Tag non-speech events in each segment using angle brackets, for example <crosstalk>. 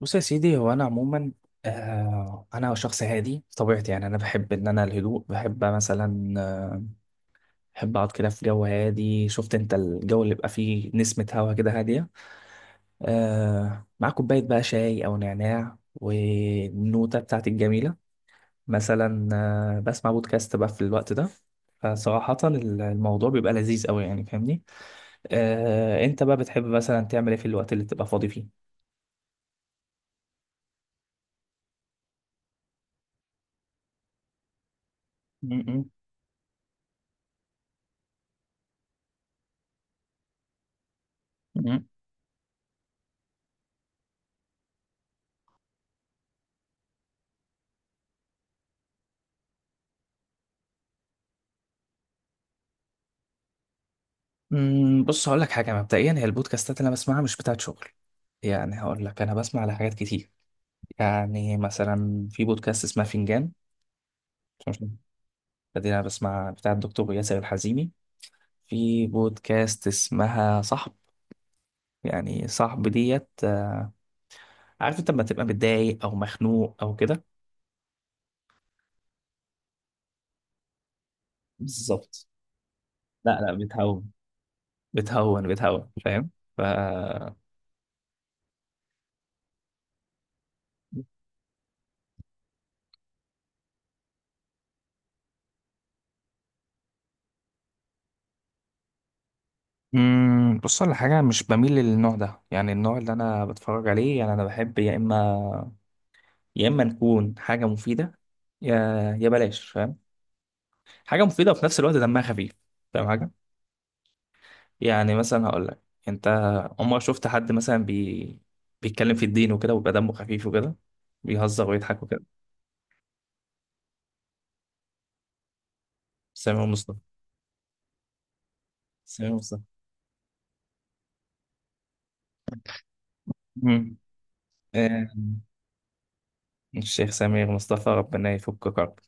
بص يا سيدي هو انا عموما. انا شخص هادي طبيعتي، يعني انا بحب ان انا الهدوء، بحب مثلا، بحب اقعد كده في جو هادي. شفت انت الجو اللي بيبقى فيه نسمة هوا كده هادية، مع كوباية بقى شاي او نعناع والنوتة بتاعتي الجميلة مثلا، بسمع بودكاست بقى في الوقت ده. فصراحة الموضوع بيبقى لذيذ قوي، يعني فاهمني. انت بقى بتحب مثلا تعمل ايه في الوقت اللي تبقى فاضي فيه؟ م- م- م- بص هقول لك حاجه. مبدئيا هي البودكاستات اللي انا بسمعها مش بتاعت شغل، يعني هقول لك انا بسمع على حاجات كتير. يعني مثلا في بودكاست اسمها فنجان. مش- ده دي انا بسمع بتاع الدكتور ياسر الحزيمي. في بودكاست اسمها صاحب، يعني صاحب ديت، عارف انت لما تبقى متضايق او مخنوق او كده. بالظبط. لا لا، بتهون بتهون بتهون فاهم. ف بص على حاجه، مش بميل للنوع ده. يعني النوع اللي انا بتفرج عليه، يعني انا بحب يا اما، يا اما نكون حاجه مفيده، يا يا بلاش فاهم، حاجه مفيده وفي نفس الوقت دمها خفيف. فاهم حاجه، يعني مثلا هقول لك، انت عمرك شفت حد مثلا بيتكلم في الدين وكده ويبقى دمه خفيف وكده، بيهزر ويضحك وكده؟ سمير مصطفى. سمير مصطفى. مم. آه، الشيخ سمير مصطفى ربنا يفك كرب.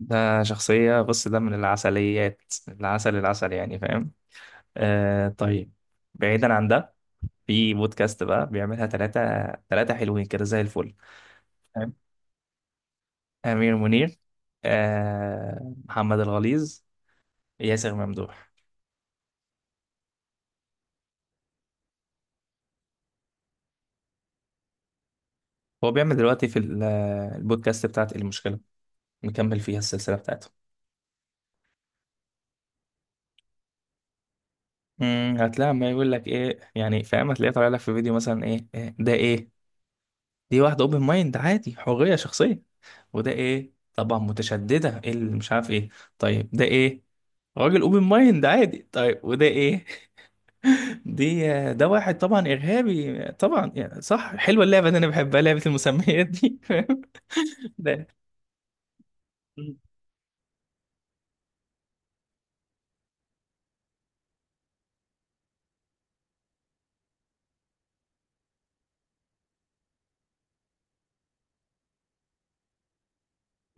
ده شخصية، بص ده من العسليات، العسل العسل يعني فاهم. طيب، بعيدا عن ده، في بودكاست بقى بيعملها ثلاثة، ثلاثة حلوين كده زي الفل. تمام. أمير منير، محمد الغليظ، ياسر ممدوح. هو بيعمل دلوقتي في البودكاست بتاعت المشكلة، مكمل فيها السلسلة بتاعته. امم، هتلاقي ما يقول لك ايه، يعني فاهم، هتلاقيه طالع لك في فيديو مثلا ايه، إيه ده ايه، دي واحدة اوبن مايند عادي حرية شخصية، وده ايه طبعا متشددة ايه اللي مش عارف ايه، طيب ده ايه، راجل اوبن مايند عادي، طيب وده ايه <laughs> دي، ده واحد طبعا ارهابي طبعا. يعني صح، حلوه اللعبه دي، انا بحبها لعبه المسميات دي <laughs> فاهم. مم.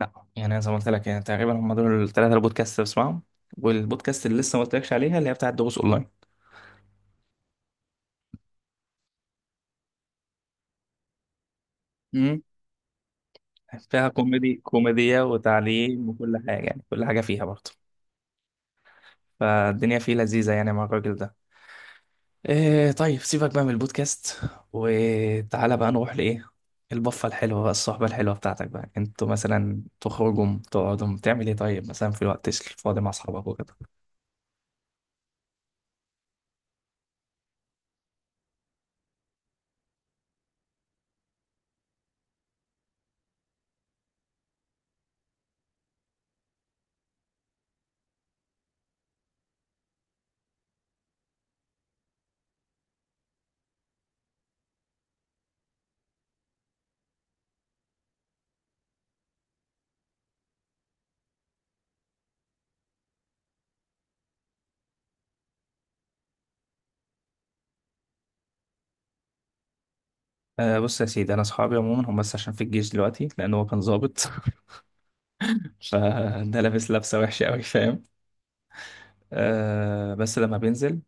لا، يعني أنا زي ما قلت لك، يعني تقريبا هم دول الثلاثه البودكاست اللي بسمعهم. والبودكاست اللي لسه ما قلتلكش عليها اللي هي بتاعت دروس اونلاين. امم. فيها كوميدي، كوميديا وتعليم وكل حاجه، يعني كل حاجه فيها برضه. فالدنيا فيه لذيذه يعني مع الراجل ده. إيه طيب، سيبك بقى من البودكاست، وتعالى بقى نروح لايه، البفه الحلوه بقى، الصحبه الحلوه بتاعتك بقى. انتوا مثلا تخرجوا تقعدوا تعمل ايه طيب مثلا في الوقت الفاضي مع اصحابك وكده؟ بص يا سيدي، انا اصحابي عموما هم بس عشان في الجيش دلوقتي، لان هو كان ظابط. فده لابس لبسة وحشة أوي فاهم. بس لما بينزل،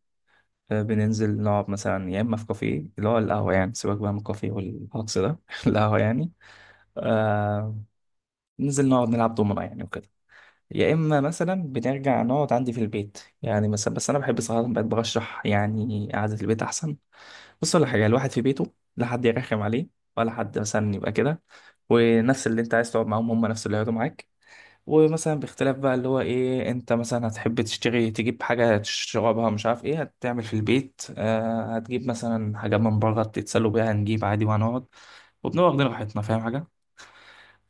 بننزل نقعد مثلا يا إما في كافيه اللي هو القهوة يعني. سيبك بقى من الكافيه والهجص ده <laughs> القهوة يعني. آه ننزل نقعد نلعب دومنة يعني وكده، يا إما مثلا بنرجع نقعد عندي في البيت يعني مثلا. بس أنا بحب صراحة، بقيت برشح يعني قعدة البيت أحسن. بص ولا حاجة، الواحد في بيته لا حد يرخم عليه ولا حد مثلا يبقى كده، ونفس اللي أنت عايز تقعد معاهم هم نفس اللي هيقعدوا معاك. ومثلا باختلاف بقى اللي هو ايه، انت مثلا هتحب تشتري تجيب حاجة تشربها، مش عارف ايه هتعمل في البيت، هتجيب مثلا حاجات من بره تتسلوا بيها، هنجيب عادي وهنقعد وبنبقى واخدين راحتنا فاهم حاجة.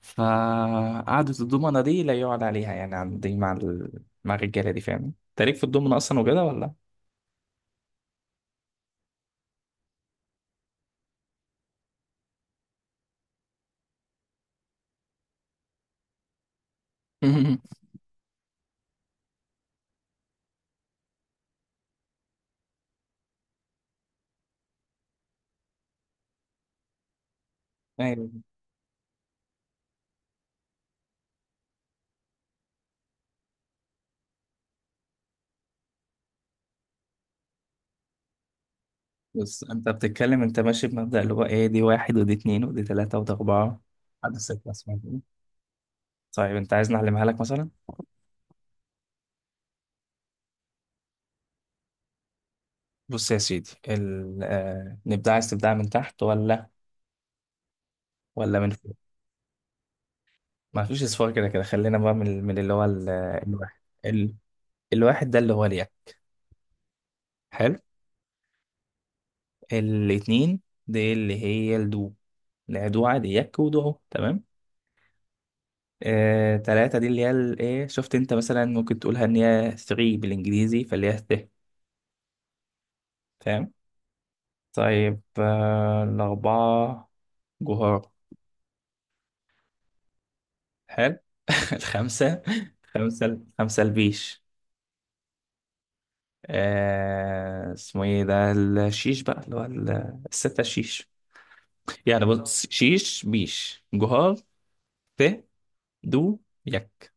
فقعدة الضمنة دي لا يقعد عليها يعني عندي مع مع الرجالة دي فاهم. انت ليك في الضمنة اصلا وكده ولا؟ <laughs> ايوه. بص انت بتتكلم انت ماشي بمبدأ اللي هو ايه، دي واحد ودي اتنين ودي تلاتة ودي أربعة، عدد ستة اسمها كده. طيب انت عايز نعلمها لك مثلا؟ بص يا سيدي نبدأ، عايز تبدأ من تحت ولا، ولا من فوق؟ ما فيش اصفار، كده كده خلينا بقى من اللي هو ال... آه، الواحد. ال... الواحد ده اللي هو اليك. حلو. الاتنين دي اللي هي الدو، الدوعة دي يك ودعو تمام. تلاتة دي اللي هي ايه، شفت انت مثلا ممكن تقولها ان هي 3 بالانجليزي فاللي هي ت، فاهم. طيب الأربعة، جهار. حلو <laughs> الخمسة. خمسة البيش. آه اسمه ايه ده، الشيش بقى اللي هو الستة الشيش. يعني بص، شيش، بيش، جهار، ت، دو، يك،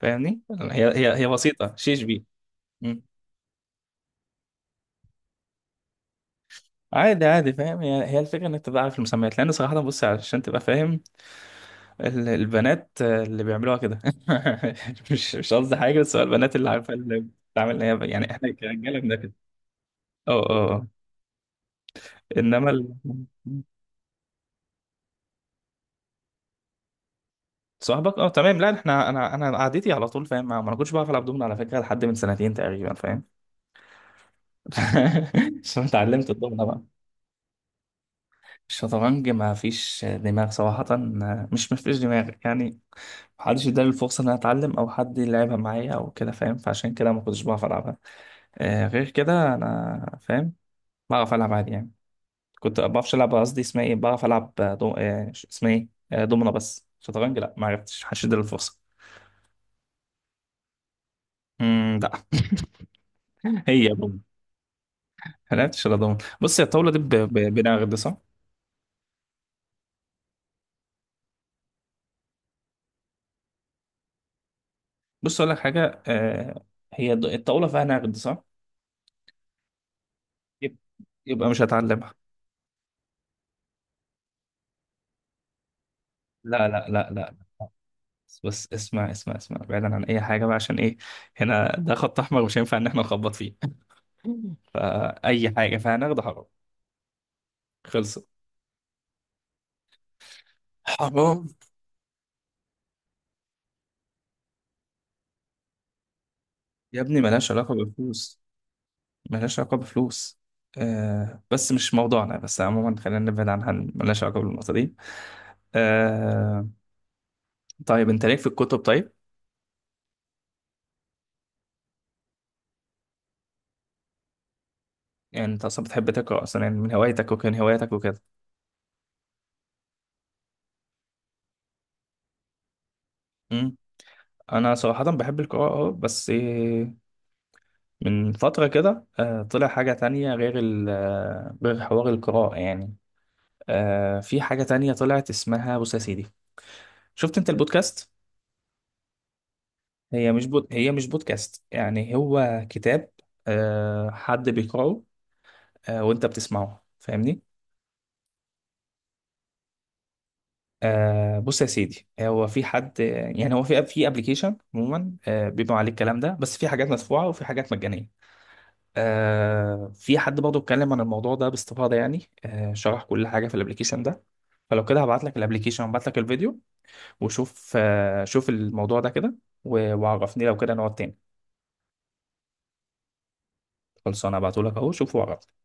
فاهمني يعني. هي بسيطة، شيش بي. مم. عادي عادي فاهم، هي الفكرة انك تبقى عارف المسميات، لان صراحة بص عشان تبقى فاهم، البنات اللي بيعملوها كده <laughs> مش قصدي حاجة، بس هو البنات اللي عارفة اللي بتعمل هي، يعني احنا كرجالة بنعمل كده. اه اه آه. انما صاحبك اه تمام. لا احنا، انا قعدتي على طول فاهم، ما ما انا كنتش بعرف العب دومنه على فكره لحد من سنتين تقريبا فاهم <laughs> عشان اتعلمت الدومنه بقى. الشطرنج ما فيش دماغ صراحه، مش ما فيش دماغ يعني، محدش اداني الفرصه ان انا اتعلم او حد يلعبها معايا او كده فاهم، فعشان كده ما كنتش بعرف العبها. آه غير كده انا فاهم، بعرف العب عادي يعني. كنت بعرفش العب قصدي، اسمها ايه، بعرف العب دو... آه، اسمها ايه، دومنه. بس شطرنج لا ما عرفتش، محدش اداني الفرصه. لا. <laughs> هي حلقتش رضوان، بص يا، الطاوله دي بنغد صح. بص اقول لك حاجه هي الطاوله فيها نغد صح، يب- يبقى مش هتعلمها. لا لا لا لا. بس اسمع اسمع اسمع، بعيدا عن اي حاجه بقى، عشان ايه، هنا ده خط احمر مش هينفع ان احنا نخبط فيه <laughs> فاي حاجه فيها نغد حرام، خلصت. حرام. يا ابني ملهاش علاقه بالفلوس، ملهاش علاقه بفلوس. بس مش موضوعنا، بس عموما خلينا نبعد عنها، ملهاش علاقه بالنقطه دي. آه طيب، انت ليك في الكتب طيب؟ يعني انت اصلا بتحب تقرا اصلا، يعني من هوايتك وكان هواياتك وكده؟ امم. انا صراحه بحب القراءه، اه بس إيه، من فتره كده طلع حاجه تانية غير ال آه، غير حوار القراءه يعني. في حاجه تانية طلعت اسمها، بص يا سيدي، شفت انت البودكاست؟ هي مش بود... هي مش بودكاست، يعني هو كتاب، حد بيقراه، وانت بتسمعه فاهمني. بص يا سيدي، هو في حد، يعني هو في ابلكيشن عموما بيبقى عليه الكلام ده، بس في حاجات مدفوعه وفي حاجات مجانيه. في حد برضه اتكلم عن الموضوع ده باستفاضه، يعني شرح كل حاجه في الابلكيشن ده. فلو كده هبعت لك الابلكيشن وابعت لك الفيديو، وشوف شوف الموضوع ده كده، وعرفني لو كده نقعد تاني. خلصانه، هبعته لك اهو، شوفه وعرفني.